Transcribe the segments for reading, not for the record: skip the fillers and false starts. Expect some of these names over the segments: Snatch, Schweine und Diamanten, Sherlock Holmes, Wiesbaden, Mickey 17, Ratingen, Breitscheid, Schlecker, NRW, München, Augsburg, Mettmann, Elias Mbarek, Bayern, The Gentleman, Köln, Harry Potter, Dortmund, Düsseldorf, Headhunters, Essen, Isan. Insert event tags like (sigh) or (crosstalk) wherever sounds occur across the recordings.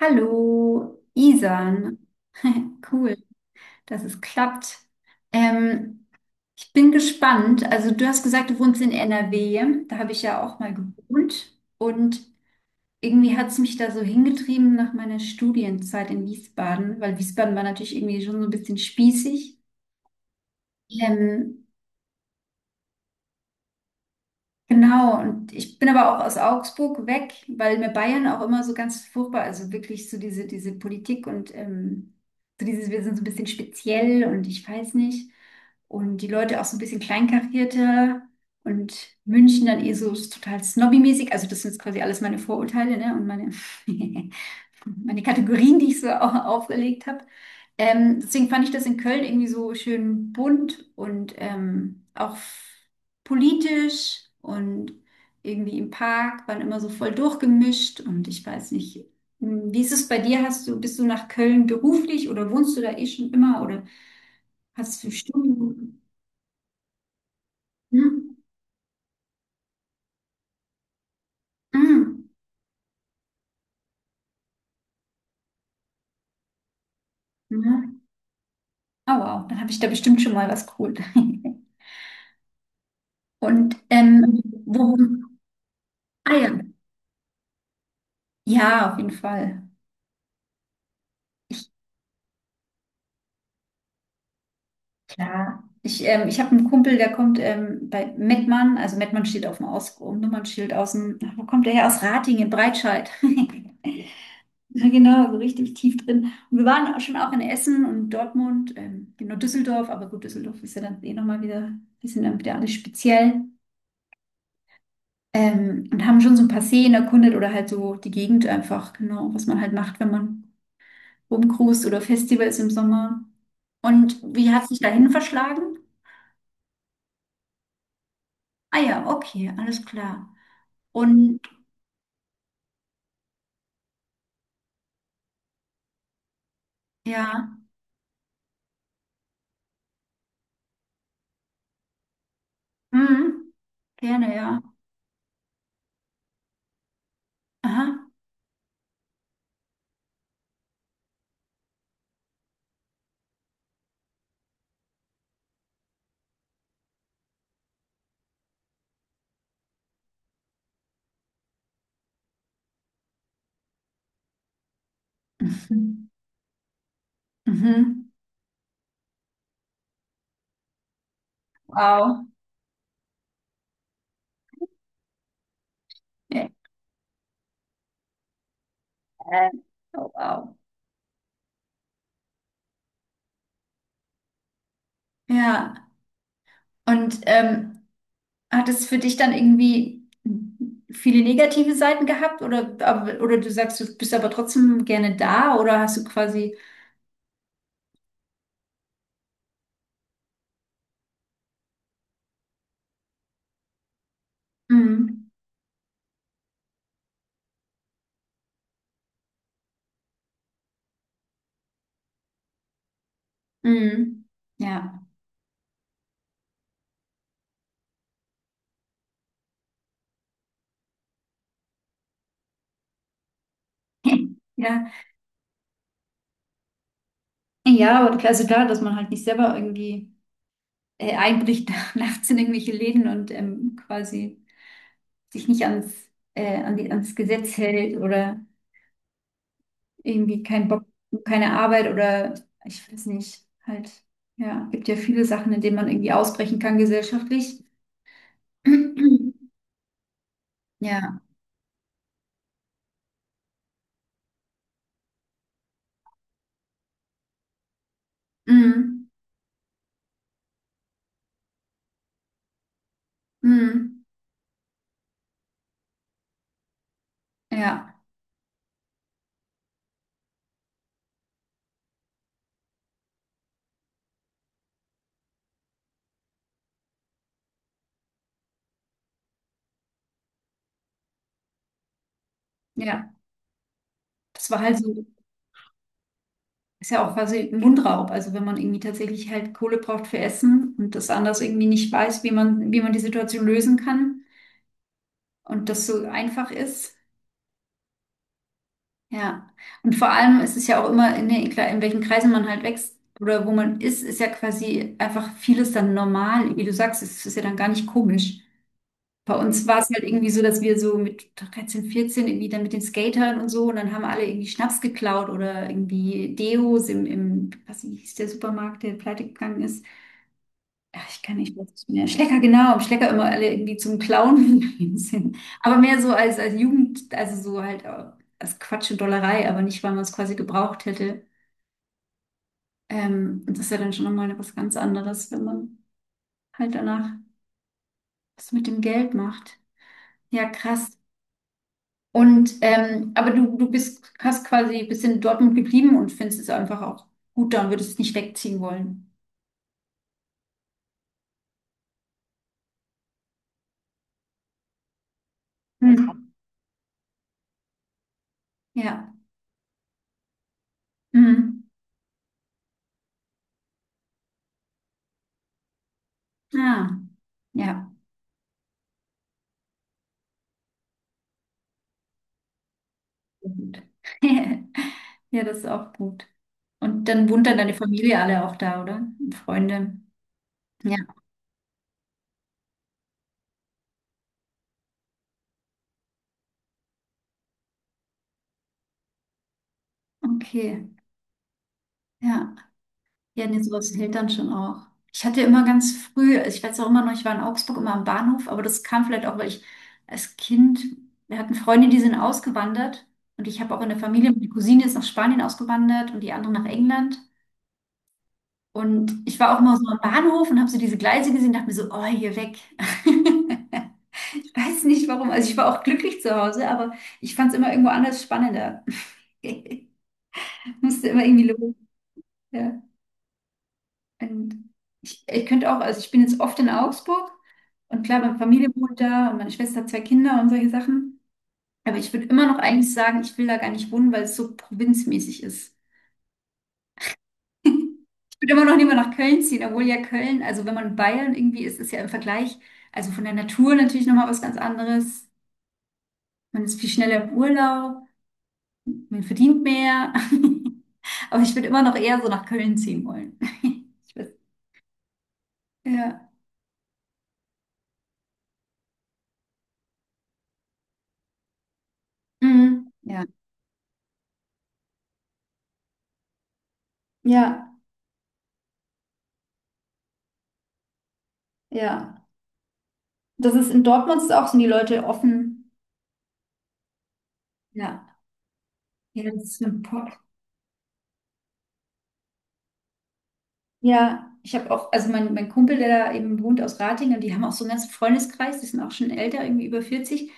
Hallo, Isan. Cool, dass es klappt. Ähm, ich bin gespannt. Also du hast gesagt, du wohnst in NRW. Da habe ich ja auch mal gewohnt. Und irgendwie hat es mich da so hingetrieben nach meiner Studienzeit in Wiesbaden, weil Wiesbaden war natürlich irgendwie schon so ein bisschen spießig. Ähm, Genau, und ich bin aber auch aus Augsburg weg, weil mir Bayern auch immer so ganz furchtbar, also wirklich so diese Politik und so dieses, wir sind so ein bisschen speziell und ich weiß nicht. Und die Leute auch so ein bisschen kleinkarierter und München dann eh so total snobby-mäßig. Also das sind jetzt quasi alles meine Vorurteile, ne? Und meine. (laughs) Meine Kategorien, die ich so auch aufgelegt habe. Deswegen fand ich das in Köln irgendwie so schön bunt und auch politisch und irgendwie im Park waren immer so voll durchgemischt und ich weiß nicht, wie ist es bei dir? Bist du nach Köln beruflich oder wohnst du da eh schon immer oder hast du Stunden? Hm? Hm? Hm? Oh wow, dann habe ich da bestimmt schon mal was geholt. (laughs) Und wo, ah ja, ja, auf jeden Fall. Ich, klar. Ich habe einen Kumpel, der kommt bei Mettmann, also Mettmann steht auf dem Aus Nummernschild aus dem, ach, wo kommt der her? Aus Ratingen in Breitscheid. (laughs) Ja, genau, so richtig tief drin. Und wir waren auch schon auch in Essen und Dortmund, genau Düsseldorf, aber gut, Düsseldorf ist ja dann eh nochmal wieder, die sind dann wieder alles speziell. Und haben schon so ein paar Seen erkundet oder halt so die Gegend einfach, genau, was man halt macht, wenn man rumcruist oder Festivals im Sommer. Und wie hat sich dahin verschlagen? Ah ja, okay, alles klar. Und ja, mhm, gerne, ja. Aha. (laughs) Mhm. Mhm. Wow. Ja. Oh, wow. Ja, und hat es für dich dann irgendwie viele negative Seiten gehabt oder, oder du sagst, du bist aber trotzdem gerne da oder hast du quasi, mhm, mhm, ja. (laughs) Ja, ja, und also klar, dass man halt nicht selber irgendwie. Einbricht (laughs) nachts in irgendwelche Läden und quasi sich nicht ans, an die, ans Gesetz hält oder irgendwie keinen Bock, keine Arbeit oder ich weiß nicht, halt, ja, gibt ja viele Sachen, in denen man irgendwie ausbrechen kann gesellschaftlich. (clears throat) Ja, mm, mm, ja, ja, das war halt so, ist ja auch quasi ein Mundraub, also wenn man irgendwie tatsächlich halt Kohle braucht für Essen und das anders irgendwie nicht weiß, wie man die Situation lösen kann und das so einfach ist. Ja, und vor allem ist es ja auch immer, in welchen Kreisen man halt wächst oder wo man ist, ist ja quasi einfach vieles dann normal. Wie du sagst, es ist ja dann gar nicht komisch. Bei uns war es halt irgendwie so, dass wir so mit 13 14 irgendwie dann mit den Skatern und so und dann haben alle irgendwie Schnaps geklaut oder irgendwie Deos im was hieß der Supermarkt, der pleite gegangen ist. Ach, ich kann nicht mehr. Schlecker, genau. Im Schlecker immer alle irgendwie zum Clown (laughs) gegangen sind. Aber mehr so als, als Jugend, also so halt als Quatsch und Dollerei, aber nicht, weil man es quasi gebraucht hätte. Und das ist ja dann schon nochmal was ganz anderes, wenn man halt danach was mit dem Geld macht. Ja, krass. Und aber du, hast quasi bist in Dortmund geblieben und findest es einfach auch gut da und würdest es nicht wegziehen wollen. Hm. Ja. Hm. Ah. Ja. Gut. (laughs) Ja, das ist auch gut. Und dann wohnt dann deine Familie alle auch da, oder? Und Freunde. Ja, okay. Ja, ja, nee, sowas hält dann schon auch. Ich hatte immer ganz früh, also ich weiß auch immer noch, ich war in Augsburg immer am Bahnhof, aber das kam vielleicht auch, weil ich als Kind, wir hatten Freunde, die sind ausgewandert und ich habe auch in der Familie, meine Cousine ist nach Spanien ausgewandert und die andere nach England. Und ich war auch immer so am Bahnhof und habe so diese Gleise gesehen, dachte mir so, oh, hier weg. (laughs) (laughs) Weiß nicht warum. Also ich war auch glücklich zu Hause, aber ich fand es immer irgendwo anders spannender. (laughs) Musste immer irgendwie los. Ja. Und ich könnte auch, also ich bin jetzt oft in Augsburg und klar, meine Familie wohnt da und meine Schwester hat zwei Kinder und solche Sachen. Aber ich würde immer noch eigentlich sagen, ich will da gar nicht wohnen, weil es so provinzmäßig ist. Ich würde immer noch lieber nach Köln ziehen, obwohl ja Köln, also wenn man in Bayern irgendwie ist, ist ja im Vergleich, also von der Natur natürlich nochmal was ganz anderes. Man ist viel schneller im Urlaub. Man verdient mehr. (laughs) Aber ich würde immer noch eher so nach Köln ziehen wollen. (laughs) Ich weiß- Ja. Mhm. Ja. Ja, ja. Das ist in Dortmund ist auch, sind die Leute offen. Ja. Ja, das stimmt. Ja, ich habe auch, also mein Kumpel, der da eben wohnt aus Ratingen, die haben auch so einen ganzen Freundeskreis, die sind auch schon älter, irgendwie über 40,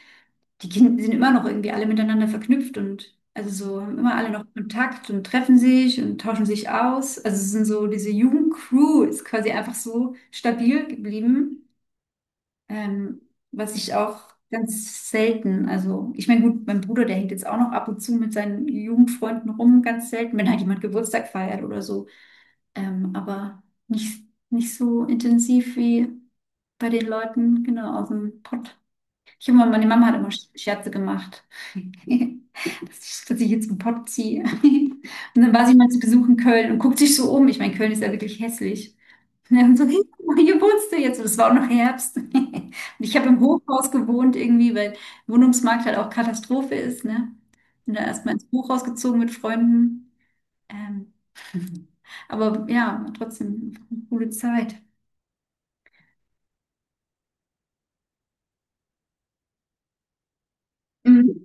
die Kinder sind immer noch irgendwie alle miteinander verknüpft und also so haben immer alle noch Kontakt und treffen sich und tauschen sich aus. Also es sind so, diese Jugendcrew ist quasi einfach so stabil geblieben, ähm, was ich auch ganz selten, also ich meine, gut, mein Bruder, der hängt jetzt auch noch ab und zu mit seinen Jugendfreunden rum, ganz selten, wenn halt jemand Geburtstag feiert oder so aber nicht, nicht so intensiv wie bei den Leuten, genau, aus dem Pott. Ich habe immer, meine Mama hat immer Scherze gemacht, (laughs) dass ich jetzt einen Pott ziehe. (laughs) Und dann war sie mal zu Besuch in Köln und guckt sich so um. Ich meine, Köln ist ja wirklich hässlich. (laughs) Ja, und so, hey, guck mal, hier wohnst du jetzt. Und es war auch noch Herbst. (laughs) Und ich habe im Hochhaus gewohnt irgendwie, weil Wohnungsmarkt halt auch Katastrophe ist, ne? Bin da erstmal ins Hochhaus gezogen mit Freunden. Ähm, (laughs) aber ja, trotzdem einfach eine coole Zeit. Mhm.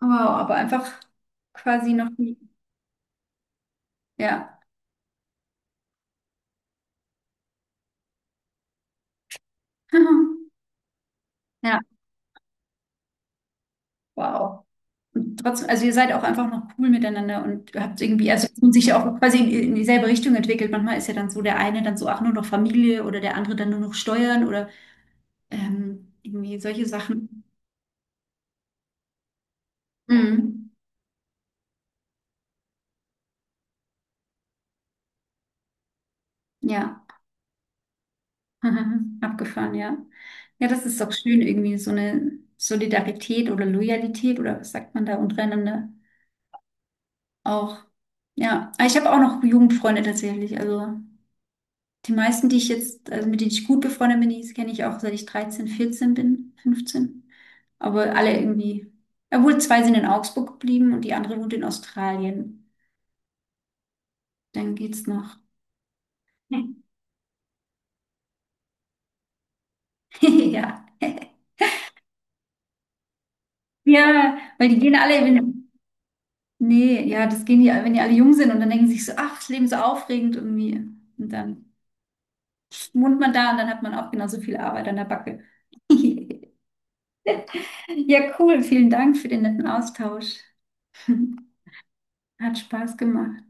Wow, aber einfach quasi noch nie. Ja. (laughs) Ja, wow. Und trotzdem, also ihr seid auch einfach noch cool miteinander und habt irgendwie, also und sich ja auch quasi in dieselbe Richtung entwickelt. Manchmal ist ja dann so der eine dann so, ach, nur noch Familie oder der andere dann nur noch Steuern oder irgendwie solche Sachen. Mhm. Ja. (laughs) Aha, abgefahren, ja. Ja, das ist doch schön, irgendwie so eine Solidarität oder Loyalität oder was sagt man da untereinander auch. Ja, aber ich habe auch noch Jugendfreunde tatsächlich. Also die meisten, die ich jetzt, also mit denen ich gut befreundet bin, die kenne ich auch seit ich 13, 14 bin, 15. Aber alle irgendwie, obwohl zwei sind in Augsburg geblieben und die andere wohnt in Australien. Dann geht's noch. (laughs) Ja. Ja, weil die gehen alle in Nee, ja, das gehen die, wenn die alle jung sind und dann denken sie sich so, ach, das Leben ist so aufregend irgendwie. Und dann wohnt man da und dann hat man auch genauso viel Arbeit an der Backe. (laughs) Ja, cool. Vielen Dank für den netten Austausch. (laughs) Hat Spaß gemacht.